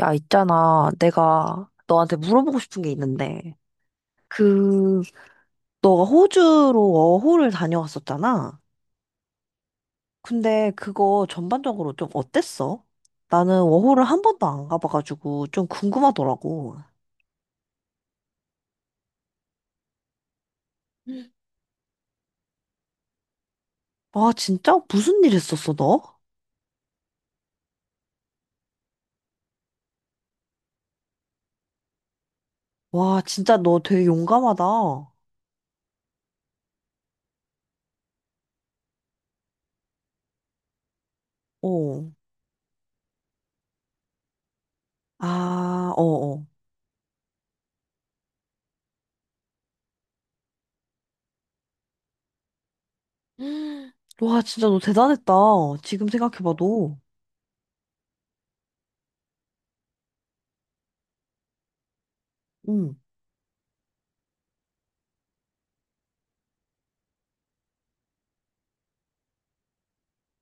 야, 있잖아. 내가 너한테 물어보고 싶은 게 있는데, 그, 너가 호주로 워홀을 다녀왔었잖아. 근데 그거 전반적으로 좀 어땠어? 나는 워홀을 한 번도 안 가봐가지고 좀 궁금하더라고. 와, 진짜? 무슨 일 했었어, 너? 와, 진짜 너 되게 용감하다. 어. 아, 어, 어. 음. 와, 진짜 너 대단했다. 지금 생각해봐도. 응.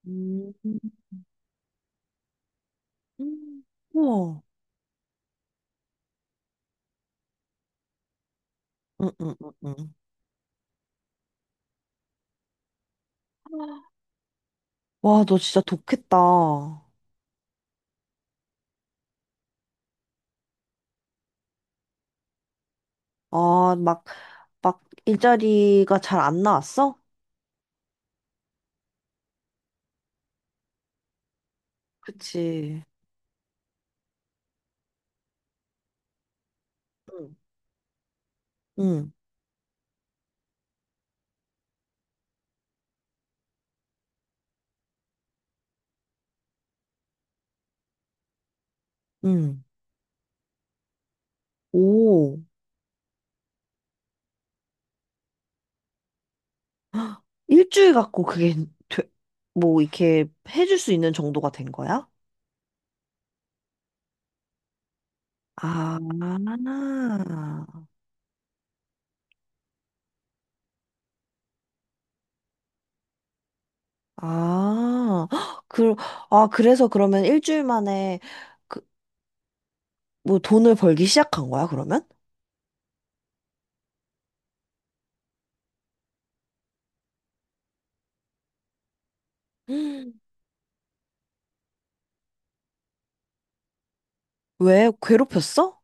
음, 음. 우와. 응, 응, 응, 응. 와, 너 진짜 독했다. 아. 막, 막, 일자리가 잘 안 나왔어? 그치. 응, 응, 응. 오. 일주일 갖고 그게, 되, 뭐, 이렇게 해줄 수 있는 정도가 된 거야? 아. 아, 헉, 아, 그래서 그러면 일주일 만에, 그, 뭐, 돈을 벌기 시작한 거야, 그러면? 음. 왜? 괴롭혔어?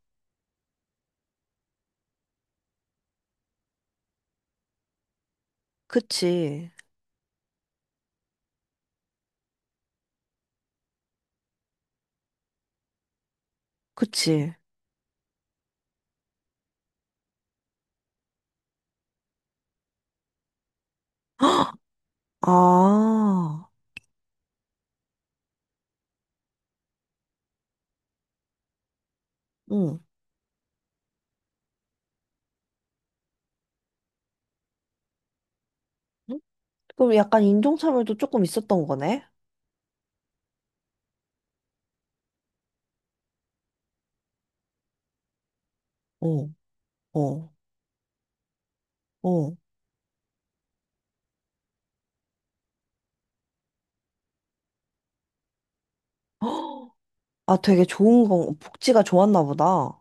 그치, 그치. 아, 응. 응? 그럼 약간 인종차별도 조금 있었던 거네? 어, 어, 어. 헉. 아, 되게 좋은 건, 복지가 좋았나 보다.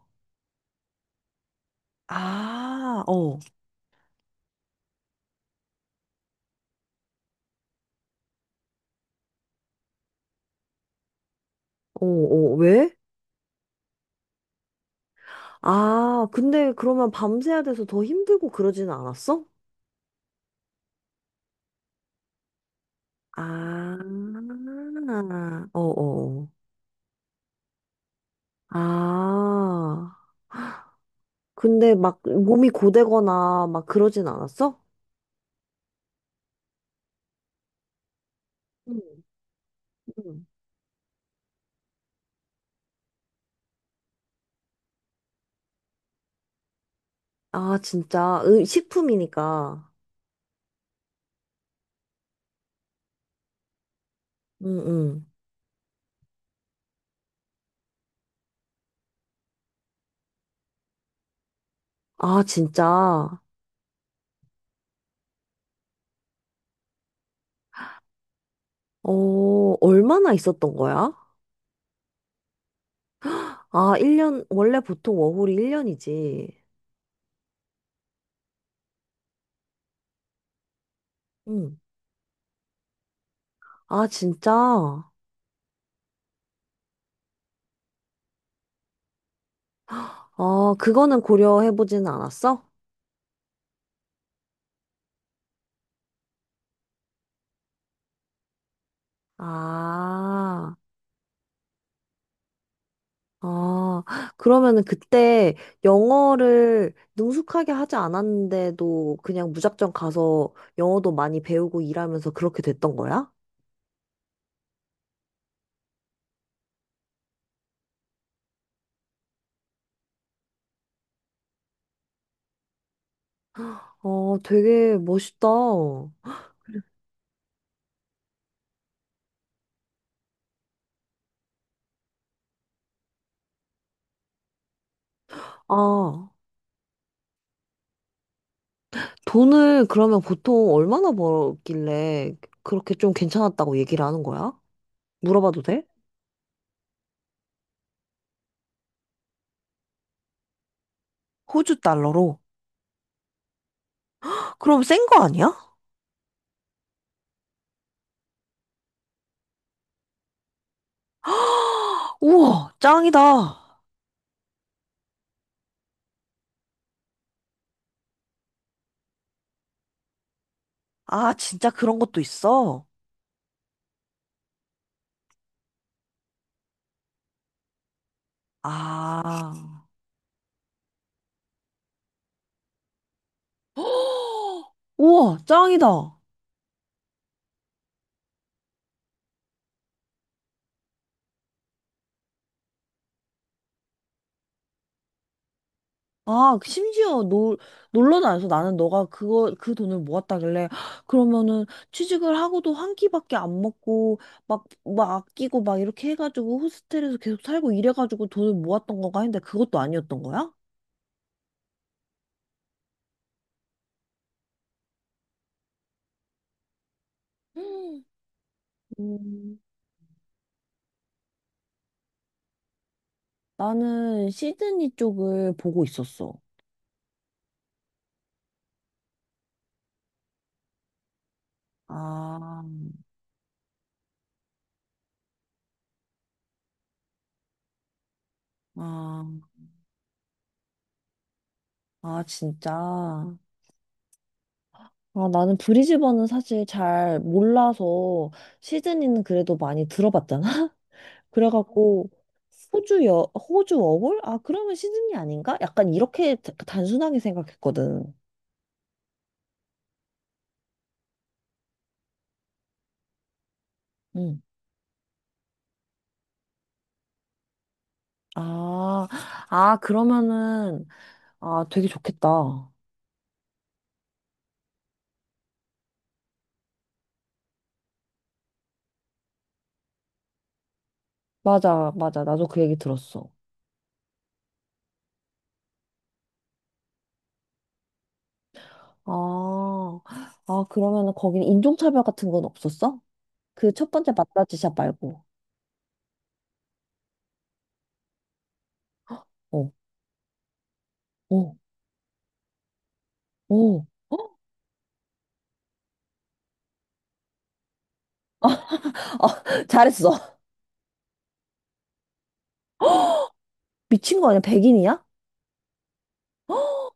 아, 어. 어, 어, 왜? 아, 근데 그러면 밤새야 돼서 더 힘들고 그러진 않았어? 아, 어, 어. 아, 근데 막 몸이 고되거나 막 그러진 않았어? 응, 응. 아, 진짜. 식품이니까. 응, 응. 아, 진짜. 어, 얼마나 있었던 거야? 아, 1년, 원래 보통 워홀이 1년이지. 응. 아, 진짜. 아, 그거는 고려해보지는 않았어? 아, 아, 그러면은 그때 영어를 능숙하게 하지 않았는데도 그냥 무작정 가서 영어도 많이 배우고 일하면서 그렇게 됐던 거야? 어, 되게 멋있다. 아, 돈을 그러면 보통 얼마나 벌길래 그렇게 좀 괜찮았다고 얘기를 하는 거야? 물어봐도 돼? 호주 달러로? 그럼 센 거 아니야? 우와, 짱이다. 아, 진짜 그런 것도 있어? 아. 우와, 짱이다. 아, 심지어 놀러 다녀서 나는 너가 그 돈을 모았다길래, "헉, 그러면은 취직을 하고도 한 끼밖에 안 먹고, 막, 막 아끼고 막 이렇게 해가지고 호스텔에서 계속 살고 이래가지고 돈을 모았던 건가 했는데 그것도 아니었던 거야? 음, 음, 나는 시드니 쪽을 보고 있었어. 아, 아, 아, 진짜. 아, 나는 브리즈번은 사실 잘 몰라서 시드니는 그래도 많이 들어봤잖아. 그래갖고 호주 여 호주 워홀? 아, 그러면 시드니 아닌가? 약간 이렇게 단순하게 생각했거든. 응. 아, 아 그러면은 아 되게 좋겠다. 맞아, 맞아. 나도 그 얘기 들었어. 아, 아 그러면은 거기는 인종차별 같은 건 없었어? 그 첫 번째 마사지샵 말고. 어, 어, 어. 아, 잘했어. 미친 거 아니야? 백인이야?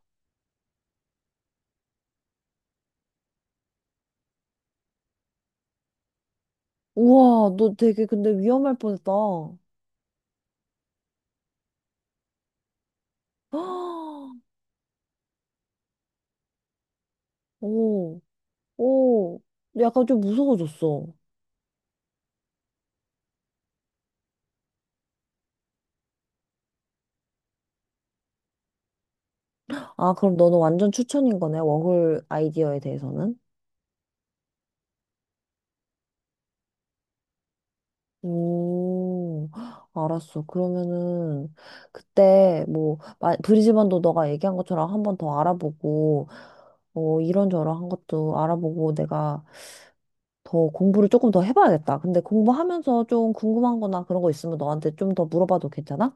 우와, 너 되게 근데 위험할 뻔했다. 오. 오, 약간 좀 무서워졌어. 아, 그럼 너는 완전 추천인 거네, 워홀 아이디어에 대해서는? 오. 알았어. 그러면은, 그때, 뭐, 브리즈번도 너가 얘기한 것처럼 한번 더 알아보고, 이런저런 한 것도 알아보고 내가 더 공부를 조금 더 해봐야겠다. 근데 공부하면서 좀 궁금한 거나 그런 거 있으면 너한테 좀 더 물어봐도 괜찮아?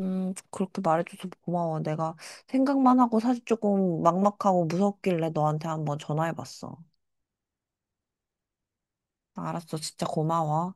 그렇게 말해줘서 고마워. 내가 생각만 하고 사실 조금 막막하고 무섭길래 너한테 한번 전화해봤어. 알았어. 진짜 고마워.